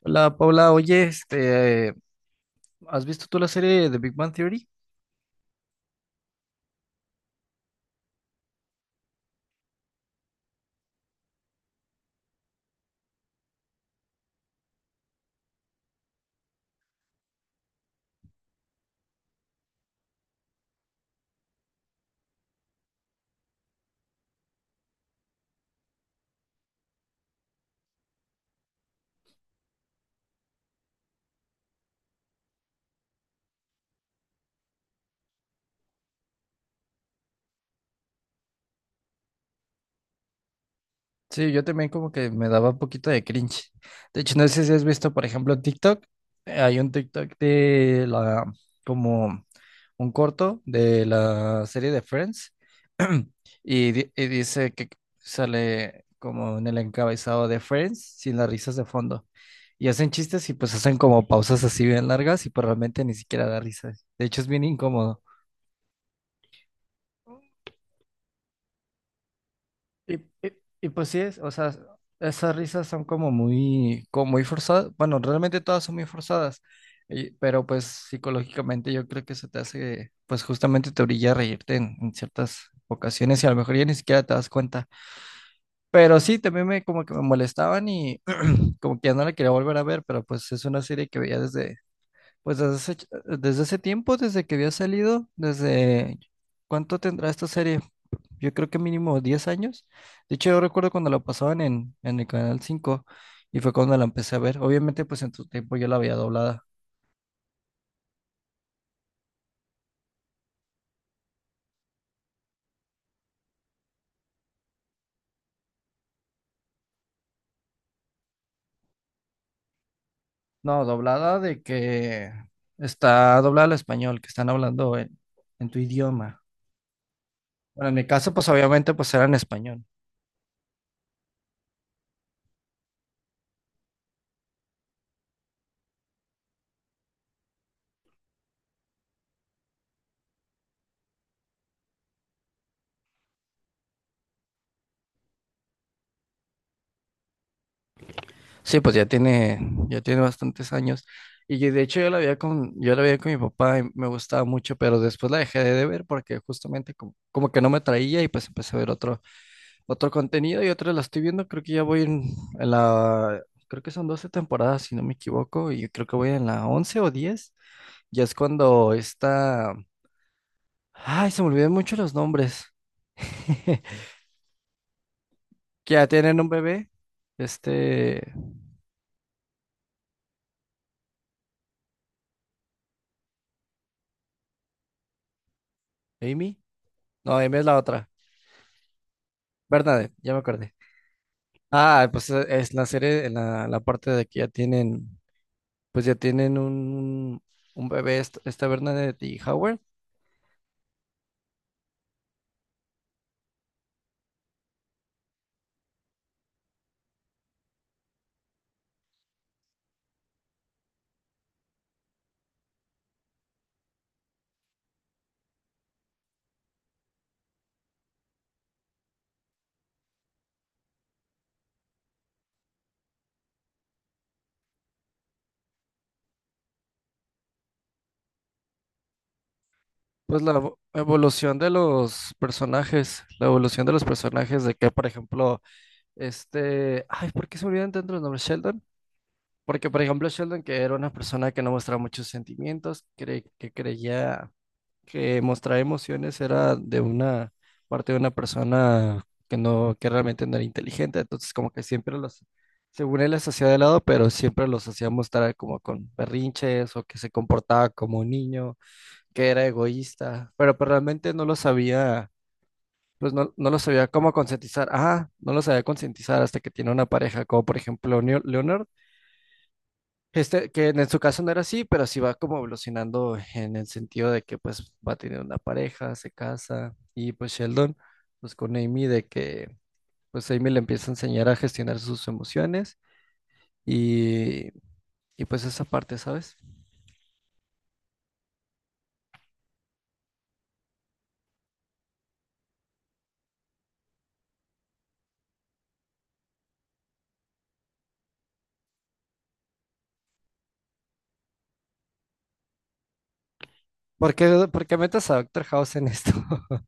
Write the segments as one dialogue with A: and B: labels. A: Hola Paula, oye, ¿has visto tú la serie de Big Bang Theory? Sí, yo también como que me daba un poquito de cringe. De hecho, no sé si has visto, por ejemplo, en TikTok, hay un TikTok de la, como un corto de la serie de Friends y dice que sale como en el encabezado de Friends sin las risas de fondo. Y hacen chistes y pues hacen como pausas así bien largas y pues realmente ni siquiera da risa. De hecho, es bien incómodo. Y, y- y pues sí, es, o sea, esas risas son como muy forzadas. Bueno, realmente todas son muy forzadas, pero pues psicológicamente yo creo que eso te hace, pues justamente te orilla a reírte en ciertas ocasiones y a lo mejor ya ni siquiera te das cuenta. Pero sí, también me como que me molestaban y como que ya no la quería volver a ver, pero pues es una serie que veía desde, pues desde hace, desde hace tiempo, desde que había salido, desde, ¿cuánto tendrá esta serie? Yo creo que mínimo 10 años. De hecho, yo recuerdo cuando la pasaban en el Canal 5 y fue cuando la empecé a ver. Obviamente, pues en tu tiempo yo la veía doblada. No, doblada de que está doblada al español, que están hablando en tu idioma. Bueno, en mi caso, pues obviamente, pues era en español. Sí, pues ya tiene bastantes años. De hecho yo la veía con, yo la veía con mi papá y me gustaba mucho, pero después la dejé de ver porque justamente como, como que no me traía y pues empecé a ver otro, otro contenido y otra la estoy viendo. Creo que ya voy en la, creo que son 12 temporadas, si no me equivoco, y creo que voy en la 11 o 10. Ya es cuando está, ay, se me olvidan mucho los nombres. Que ya tienen un bebé, este, Amy. No, Amy es la otra. Bernadette, ya me acordé. Ah, pues es la serie, en la, la parte de que ya tienen, pues ya tienen un bebé, esta Bernadette y Howard. Pues la evolución de los personajes, la evolución de los personajes de que, por ejemplo, ay, ¿por qué se me olvidan tanto los nombres? Sheldon, porque por ejemplo Sheldon, que era una persona que no mostraba muchos sentimientos, que creía que mostrar emociones era de una parte de una persona que no, que realmente no era inteligente, entonces como que siempre los, según él las hacía de lado, pero siempre los hacía mostrar como con berrinches o que se comportaba como un niño que era egoísta, pero, pues, realmente no lo sabía, pues no, no lo sabía cómo concientizar. Ah, no lo sabía concientizar hasta que tiene una pareja, como por ejemplo Leonard, que en su caso no era así, pero sí va como evolucionando en el sentido de que pues va a tener una pareja, se casa, y pues Sheldon, pues con Amy, de que pues Amy le empieza a enseñar a gestionar sus emociones y, y pues esa parte, ¿sabes? Por qué metes a Doctor House en esto?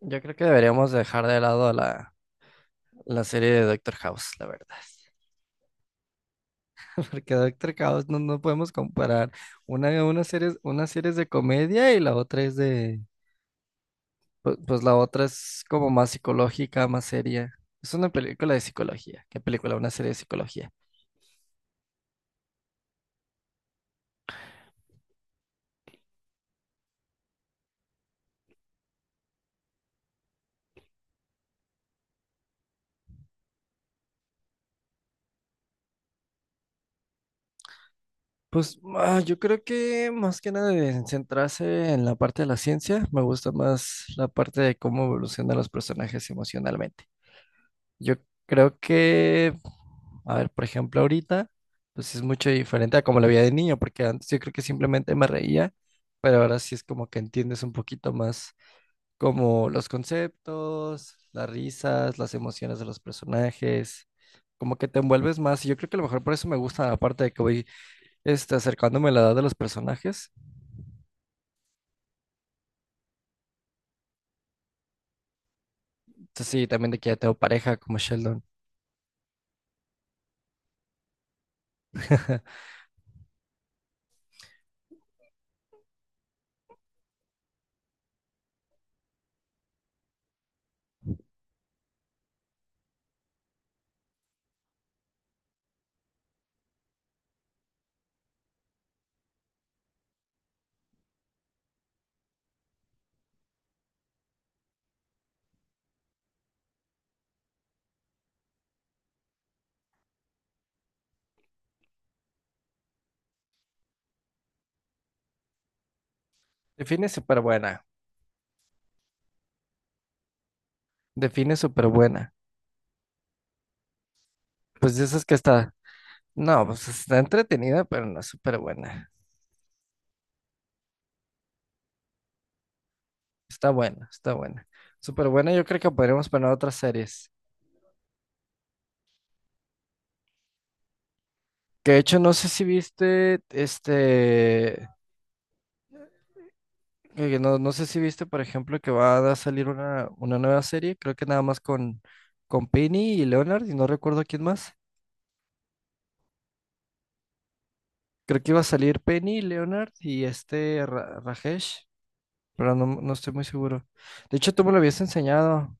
A: Yo creo que deberíamos dejar de lado a la, la serie de Doctor House, la verdad. Porque Doctor House no, no podemos comparar. Una serie, una serie es de comedia y la otra es de... pues, la otra es como más psicológica, más seria. Es una película de psicología. ¿Qué película? Una serie de psicología. Pues ah, yo creo que más que nada de centrarse en la parte de la ciencia, me gusta más la parte de cómo evolucionan los personajes emocionalmente. Yo creo que, a ver, por ejemplo, ahorita, pues es mucho diferente a como lo veía de niño, porque antes yo creo que simplemente me reía, pero ahora sí es como que entiendes un poquito más como los conceptos, las risas, las emociones de los personajes, como que te envuelves más. Y yo creo que a lo mejor por eso me gusta, aparte de que voy acercándome a la edad de los personajes. Entonces, sí, también de que ya tengo pareja como Sheldon. Define súper buena. Define súper buena. Pues de esas que está. No, pues está entretenida, pero no es súper buena. Está buena, está buena. Súper buena, yo creo que podríamos poner otras series. Que de hecho, no sé si viste, que no, no sé si viste, por ejemplo, que va a salir una nueva serie, creo que nada más con Penny y Leonard, y no recuerdo quién más. Creo que iba a salir Penny, Leonard y este Rajesh, pero no, no estoy muy seguro. De hecho, tú me lo habías enseñado.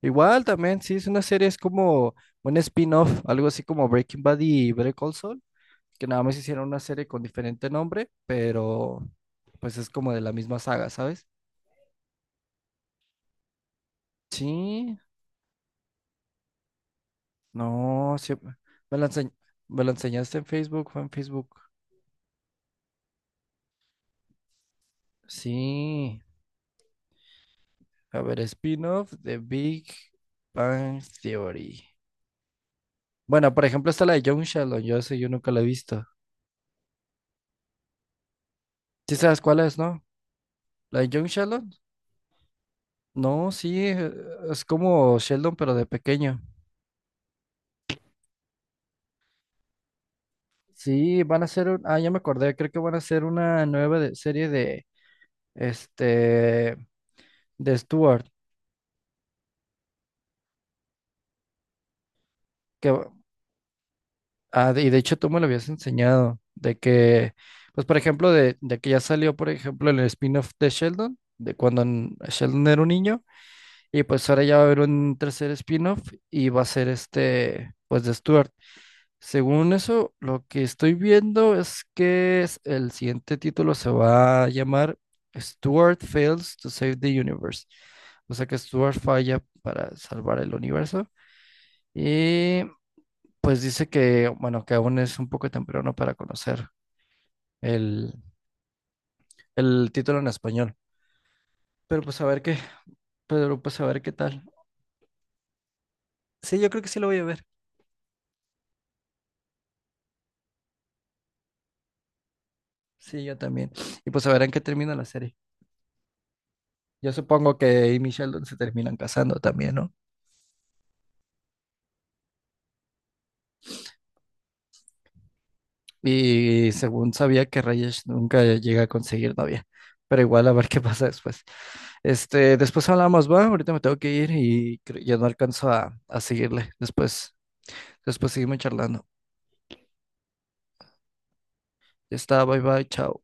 A: Igual también, sí, es una serie, es como un spin-off, algo así como Breaking Bad y Better Call Saul, que nada más hicieron una serie con diferente nombre, pero pues es como de la misma saga, ¿sabes? Sí, no, sí, me la enseñ- me la enseñaste en Facebook, fue en Facebook. Sí, a ver, spin-off de Big Bang Theory. Bueno, por ejemplo, está la de Young Sheldon, yo sé, yo nunca la he visto. Sí sabes cuál es, ¿no? La de Young Sheldon. No, sí, es como Sheldon, pero de pequeño. Sí, van a hacer un, ah, ya me acordé, creo que van a hacer una nueva serie de, este, de Stuart, que, ah, y de hecho tú me lo habías enseñado, de que, pues por ejemplo, de que ya salió, por ejemplo, el spin-off de Sheldon, de cuando Sheldon era un niño, y pues ahora ya va a haber un tercer spin-off y va a ser pues de Stuart. Según eso, lo que estoy viendo es que el siguiente título se va a llamar Stuart Fails to Save the Universe. O sea que Stuart falla para salvar el universo. Y pues dice que, bueno, que aún es un poco temprano para conocer el, el título en español. Pero pues a ver qué, pero pues a ver qué tal. Sí, yo creo que sí lo voy a ver. Sí, yo también. Y pues a ver en qué termina la serie. Yo supongo que Amy y Sheldon se terminan casando también, ¿no? Y según sabía que Rayesh nunca llega a conseguir novia. Pero igual a ver qué pasa después. Este, después hablamos, va, ahorita me tengo que ir y ya no alcanzo a seguirle. Después, después seguimos charlando. Ya está, bye bye, chao.